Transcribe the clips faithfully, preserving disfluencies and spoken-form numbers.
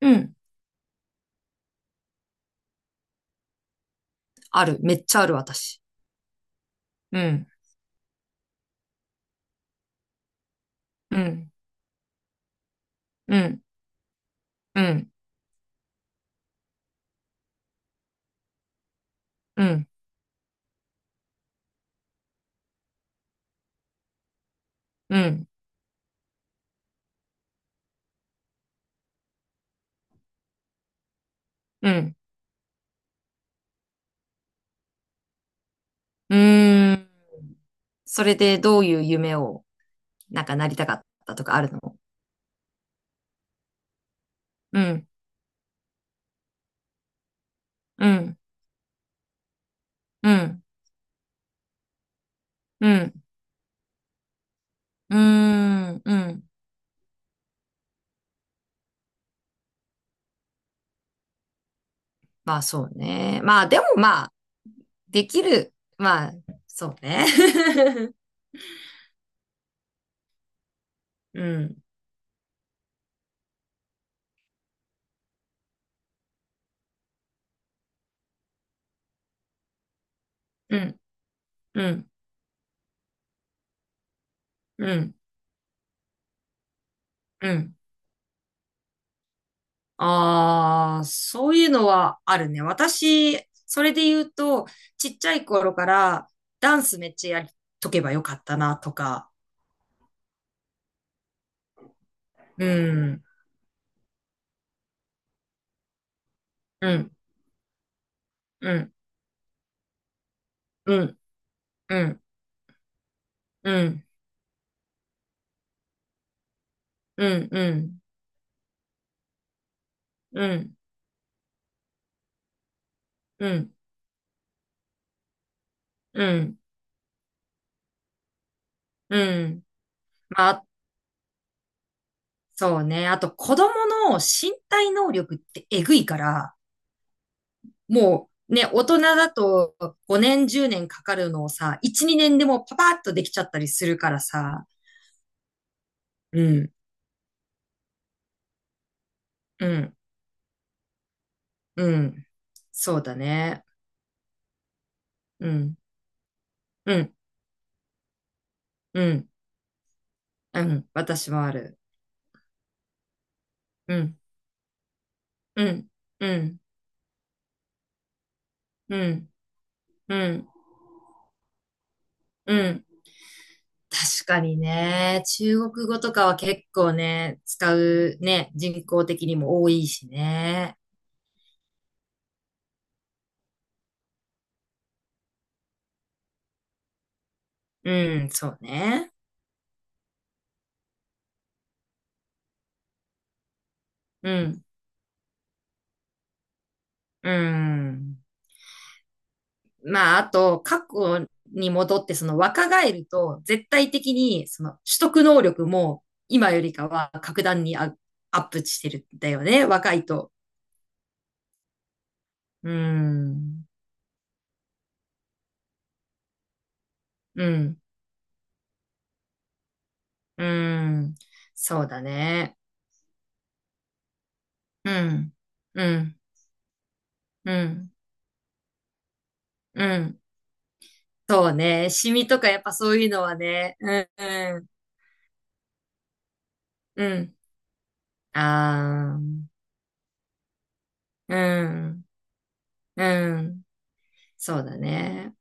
うん。ある。めっちゃある、私。うん。うん。うん。うん。うん。うん。うん。うーん。それでどういう夢を、なんかなりたかったとかあるの？うん。うん。うん。うん。うーん。うん。まあそうね。まあでもまあ、できる。まあ、そうね。うん。うん。うん。うん。うん。ああ、そういうのはあるね。私、それで言うと、ちっちゃい頃からダンスめっちゃやりとけばよかったなとか、うん、うん、うん、うん、うん、うん、うん、うん、うん、うん、うん、うん。まあ、そうね。あと、子供の身体能力ってえぐいから、もうね、大人だとごねん、じゅうねんかかるのをさ、いち、にねんでもパパッとできちゃったりするからさ、うん。うんうん。そうだね。うん。うん。うん。うん。私もある。うん。うん。うん。うん。うん。うん。確かにね。中国語とかは結構ね、使うね、人口的にも多いしね。うん。そうね。うん。うん。まあ、あと、過去に戻って、その若返ると、絶対的に、その取得能力も、今よりかは格段にアアップしてるんだよね、若いと。うーん、うん、うーん、そうだね。うん、うん、うん、うん。そうね、シミとかやっぱそういうのはね、うん、うん、うん。あー、うん、うん、そうだね。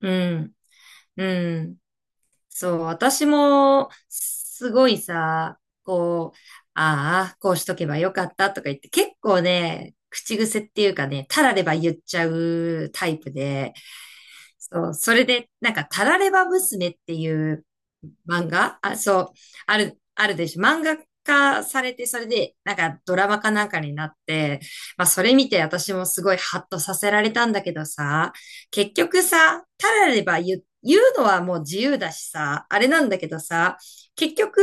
うん、うん。そう、私も、すごいさ、こう、ああ、こうしとけばよかったとか言って、結構ね、口癖っていうかね、たられば言っちゃうタイプで、そう、それで、なんか、たられば娘っていう漫画あ、そう、ある、あるでしょ。漫画化されて、それで、なんか、ドラマかなんかになって、まあ、それ見て私もすごいハッとさせられたんだけどさ、結局さ、たられば言う、言うのはもう自由だしさ、あれなんだけどさ、結局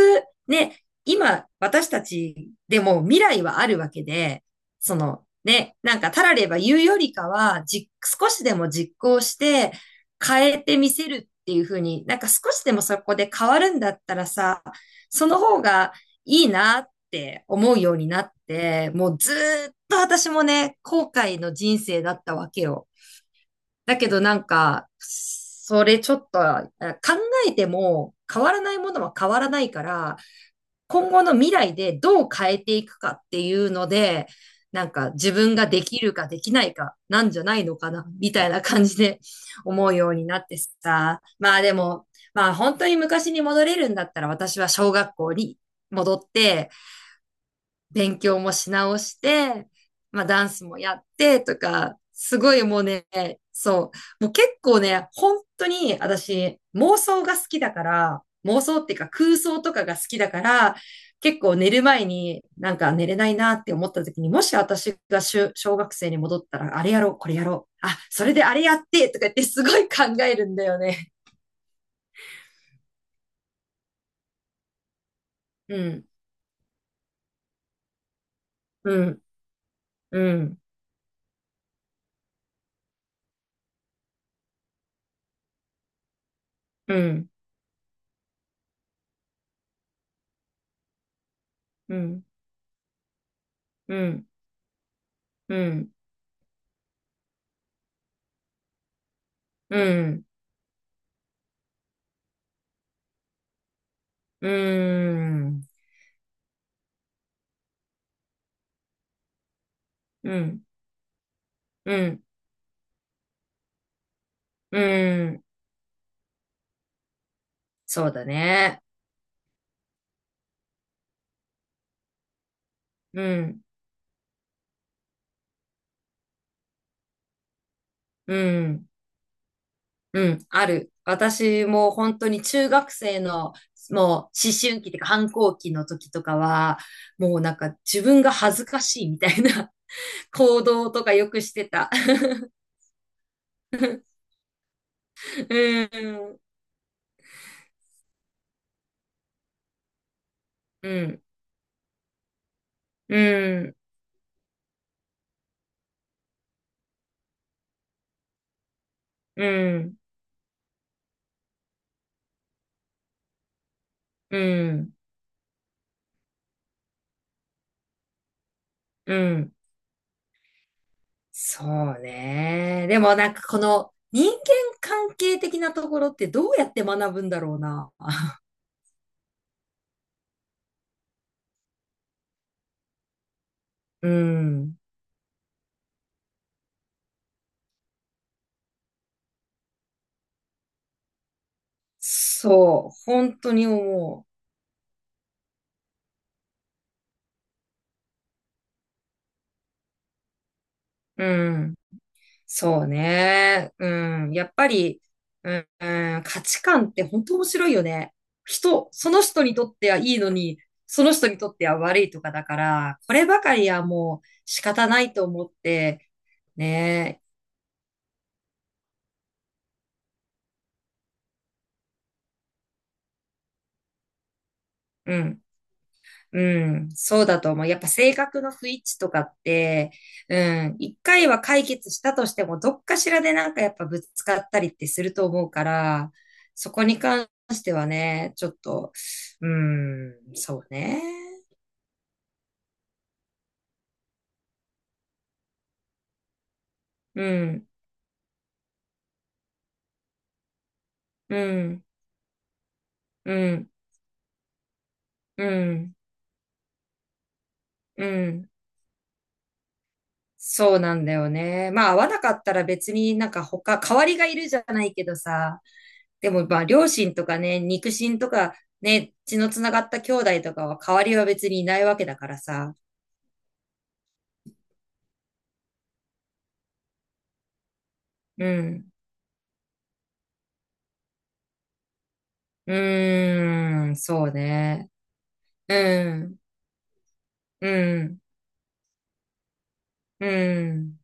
ね、今私たちでも未来はあるわけで、そのね、なんかたられば言うよりかは、じ、少しでも実行して変えてみせるっていうふうに、なんか少しでもそこで変わるんだったらさ、その方がいいなって思うようになって、もうずーっと私もね、後悔の人生だったわけよ。だけどなんか、それちょっとあ考えても変わらないものは変わらないから、今後の未来でどう変えていくかっていうので、なんか自分ができるかできないかなんじゃないのかな、みたいな感じで 思うようになってさ。まあでも、まあ本当に昔に戻れるんだったら私は小学校に戻って、勉強もし直して、まあダンスもやってとか、すごいもうね、そう、もう結構ね、本当に私妄想が好きだから、妄想っていうか空想とかが好きだから、結構寝る前になんか寝れないなって思った時に、もし私が小小学生に戻ったら、あれやろう、これやろう、あ、それであれやってとか言ってすごい考えるんだよね。うん、うん、うん、うん、うん、うん、うん、うん、うん。うん、うん、うん。そうだね。うん、うん、うん、ある。私も本当に中学生のもう思春期というか反抗期の時とかは、もうなんか自分が恥ずかしいみたいな 行動とかよくしてた。うん、うん、うん、うん、うん、うん。そうね。でもなんかこの人間関係的なところってどうやって学ぶんだろうな。うん。そう。本当に思う。うん。そうね。うん。やっぱり、うん、うん、価値観って本当面白いよね。人、その人にとってはいいのに、その人にとっては悪いとかだから、こればかりはもう仕方ないと思って、ね。うん。うん、そうだと思う。やっぱ性格の不一致とかって、うん、一回は解決したとしても、どっかしらでなんかやっぱぶつかったりってすると思うから、そこに関してはね、ちょっと、うん、そうね。うん、うん、うん、うん、うん。そうなんだよね。まあ、合わなかったら別になんか他、代わりがいるじゃないけどさ、でもまあ、両親とかね、肉親とか、ね、血のつながった兄弟とかは代わりは別にいないわけだからさ。うん。うーん、そうね。うん、うん、うん。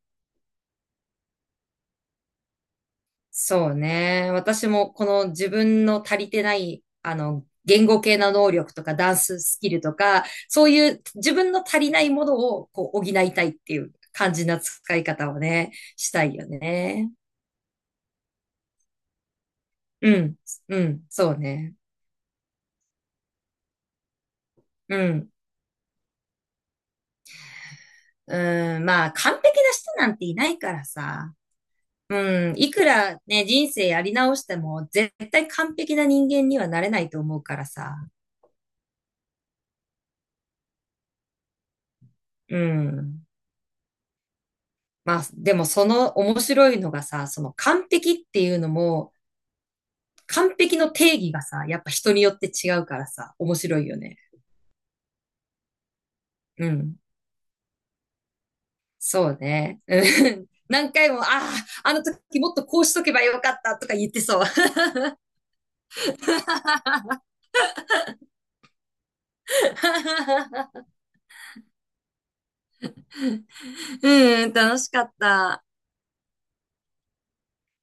そうね。私もこの自分の足りてない、あの、言語系の能力とかダンススキルとか、そういう自分の足りないものをこう補いたいっていう感じな使い方をね、したいよね。うん、うん、そうね。うん、うん、まあ完璧な人なんていないからさ。うん、いくらね、人生やり直しても絶対完璧な人間にはなれないと思うからさ。うん。まあ、でもその面白いのがさ、その完璧っていうのも、完璧の定義がさ、やっぱ人によって違うからさ、面白いよね。うん。そうね。うん、 何回も、ああ、あの時もっとこうしとけばよかったとか言ってそう。うん、楽しかった。